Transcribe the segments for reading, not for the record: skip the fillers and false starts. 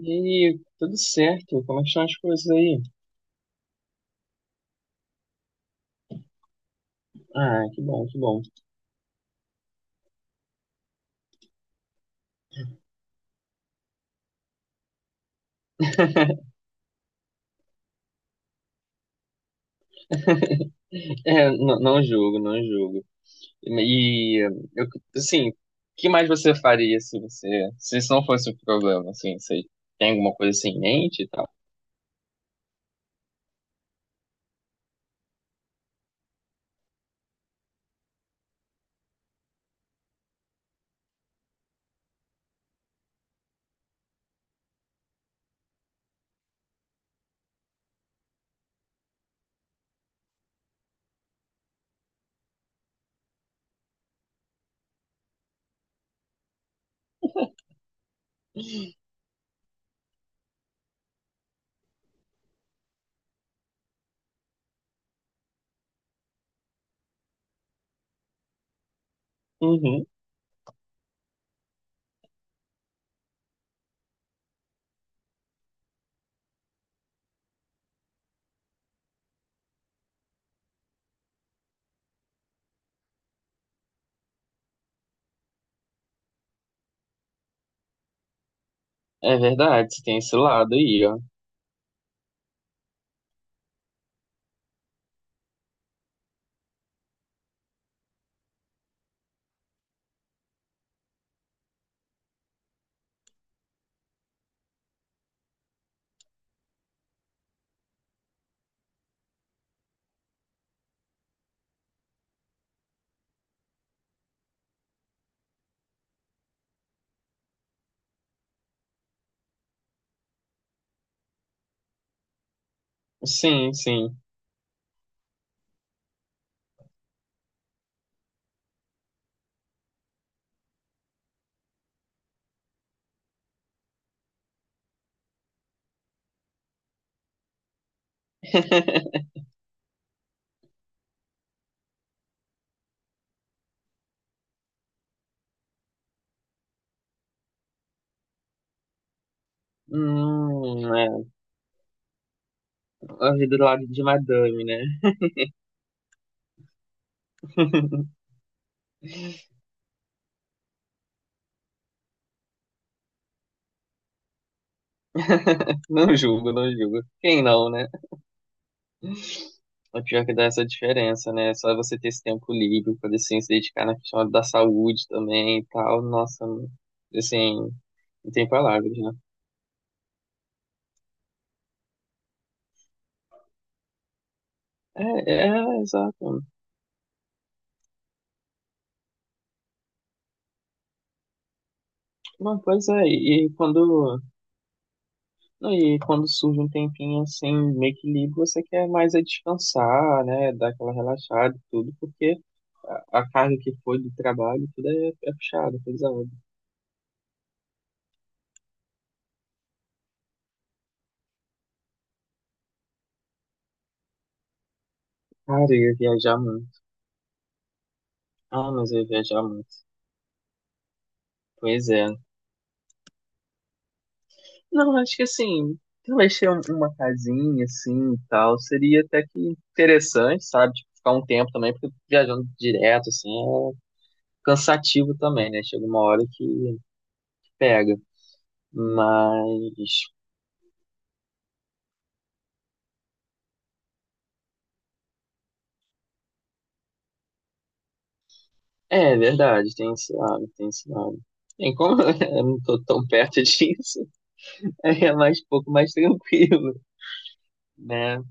E aí, tudo certo? Como é que estão as coisas aí? Ah, que bom, que bom. É, não julgo, não julgo. E, eu, assim, o que mais você faria se isso não fosse um problema, assim, você tem alguma coisa assim em mente e tal? Uhum, é verdade, você tem esse lado aí, ó. Sim, sim. É, a vida do lado de madame, né? Não julgo, não julgo. Quem não, né? É pior é que dá essa diferença, né? É só você ter esse tempo livre, poder assim, se dedicar na questão da saúde também e tal. Nossa, assim, não tem palavras, né? É, é, exato. Não, pois é, E quando surge um tempinho assim, meio que livre, você quer mais é descansar, né? Dar aquela relaxada e tudo, porque a carga que foi do trabalho, tudo é, é puxado, é pesado. Cara, eu ia viajar muito. Ah, mas eu ia viajar muito. Pois é. Não, acho que assim, talvez ter uma casinha assim e tal, seria até que interessante, sabe? Tipo, ficar um tempo também, porque viajando direto, assim, é cansativo também, né? Chega uma hora que pega. Mas, é verdade, tem esse lado, tem esse lado. Bem, como eu não tô tão perto disso, é mais um pouco mais tranquilo, né?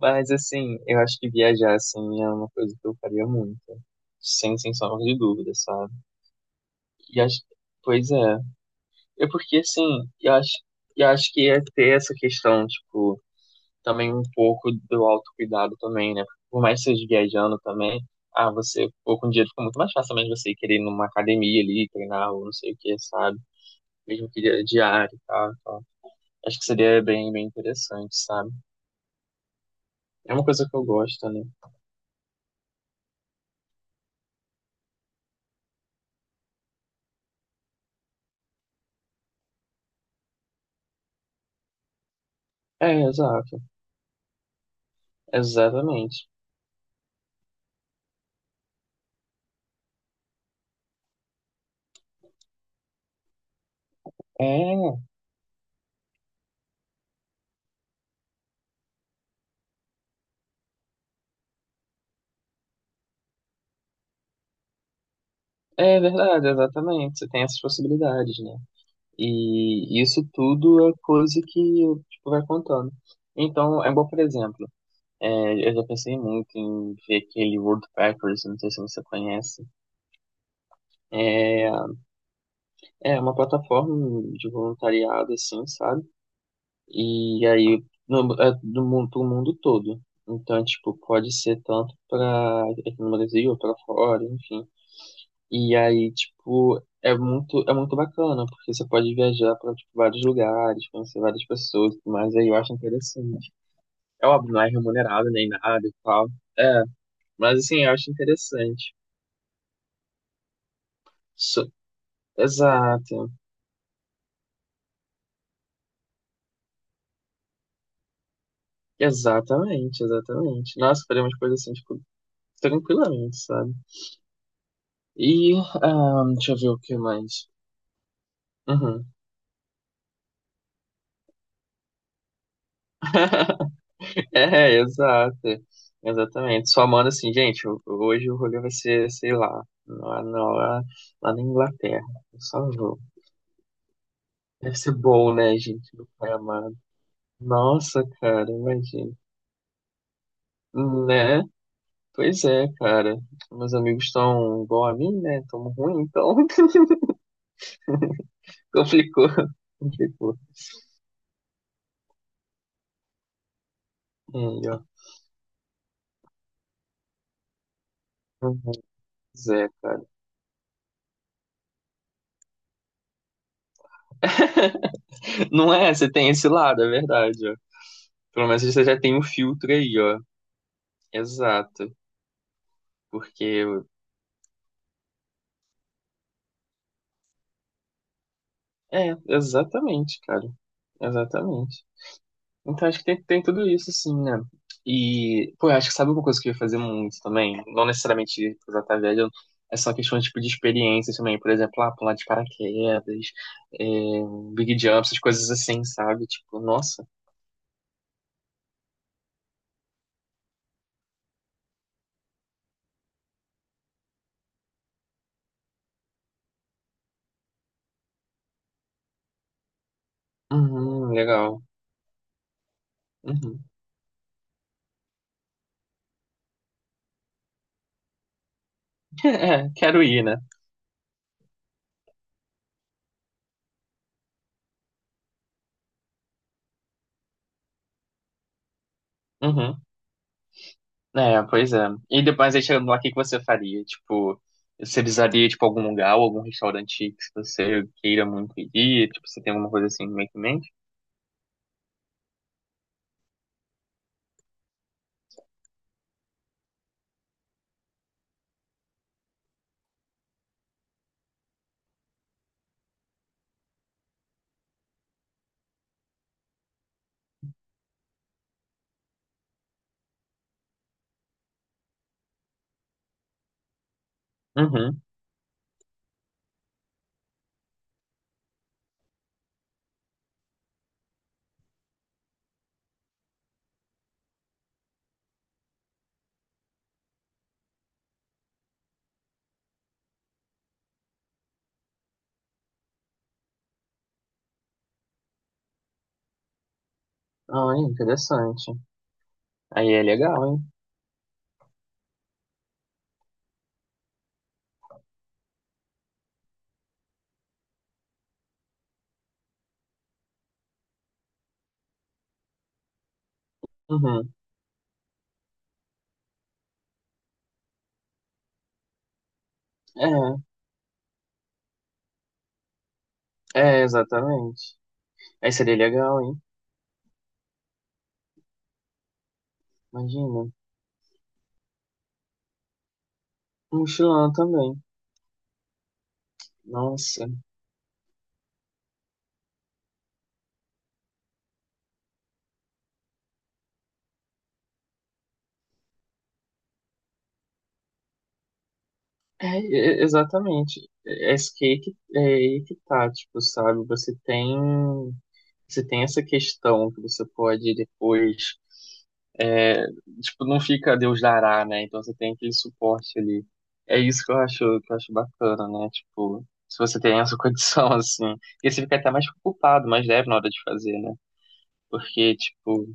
Mas, assim, eu acho que viajar, assim, é uma coisa que eu faria muito, sem, sem sombra de dúvida, sabe? E acho, pois é. É porque, assim, eu acho, eu acho que ia ter essa questão, tipo, também um pouco do autocuidado também, né? Por mais que seja viajando também, ah, você, pô, com dinheiro fica muito mais fácil também você querer ir numa academia ali, treinar ou não sei o que, sabe? Mesmo que diário e tal, tal. Acho que seria bem, bem interessante, sabe? É uma coisa que eu gosto, né? É, exato. Exatamente. É, é verdade, exatamente. Você tem essas possibilidades, né? E isso tudo é coisa que tipo, vai contando. Então, é igual, por exemplo, é, eu já pensei muito em ver aquele World Packers, não sei se você conhece. É, é uma plataforma de voluntariado, assim, sabe? E aí, no, é do mundo todo. Então, tipo, pode ser tanto para aqui no Brasil, para fora, enfim. E aí, tipo, é muito bacana, porque você pode viajar para tipo, vários lugares, conhecer várias pessoas, e tudo mais aí eu acho interessante. É óbvio, não é remunerado nem nada e tal. É, mas assim, eu acho interessante. So- Exato. Exatamente, exatamente. Nós faremos coisas assim, tipo, tranquilamente, sabe? E, ah, deixa eu ver o que mais. Uhum. É, exato. Exatamente. Só manda assim, gente, hoje o rolê vai ser, sei lá, lá, na- lá, lá na Inglaterra. Eu só vou. Deve ser bom, né, gente, do pai amado. Nossa, cara, imagina. Né? Pois é, cara. Meus amigos estão igual a mim, né? Tão ruim, então complicou. Complicou. Aí, ó. Uhum. Pois é, cara. Não é, você tem esse lado, é verdade, ó. Pelo menos você já tem um filtro aí, ó. Exato. Porque é, exatamente, cara. Exatamente. Então acho que tem, tem tudo isso, assim, né? E, pô, eu acho que sabe uma coisa que eu ia fazer muito também? Não necessariamente usar tá velho, é só questão tipo, de experiência também. Por exemplo, lá pular de paraquedas, é, big jump, essas coisas assim, sabe? Tipo, nossa, uhum, legal. Uhum. É, quero ir, né? Uhum. É, pois é. E depois aí chegando lá, o que que você faria? Tipo, você visaria, tipo, algum lugar ou algum restaurante que você queira muito ir? Tipo, você tem alguma coisa assim meio que em mente? Uhum. Ah, interessante. Aí é legal, hein? Uhum. É, é, exatamente. Aí seria legal, hein? Imagina. Um mochilão também. Nossa. Exatamente. É isso que aí que, é aí que tá, tipo, sabe? Você tem essa questão que você pode depois, é, tipo, não fica Deus dará, né? Então você tem aquele suporte ali. É isso que eu acho bacana, né? Tipo, se você tem essa condição, assim, e você fica até mais preocupado, mais leve na hora de fazer, né? Porque, tipo,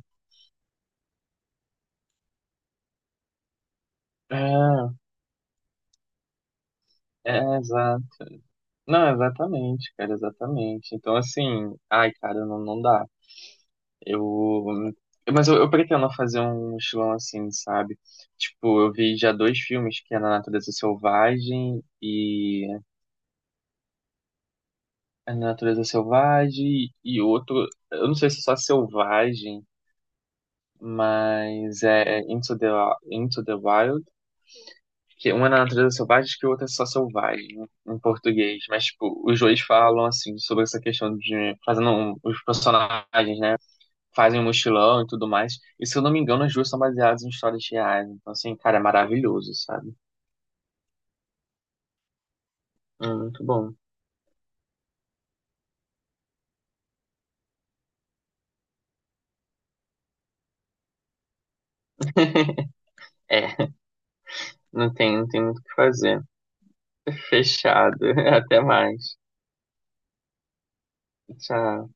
é, é, exato. Não, exatamente, cara, exatamente. Então, assim, ai, cara, não, não dá. Eu. Mas eu pretendo fazer um estilão assim, sabe? Tipo, eu vi já 2 filmes, que é Na Natureza Selvagem e. A Natureza Selvagem e outro. Eu não sei se é só Selvagem, mas é Into the Wild. Que uma é na natureza selvagem que o outro é só selvagem, né, em português. Mas, tipo, os dois falam, assim, sobre essa questão de fazendo os personagens, né? Fazem um mochilão e tudo mais. E se eu não me engano, as duas são baseadas em histórias reais. Então, assim, cara, é maravilhoso, sabe? É muito bom. É, não tem muito o que fazer. Fechado. Até mais. Tchau.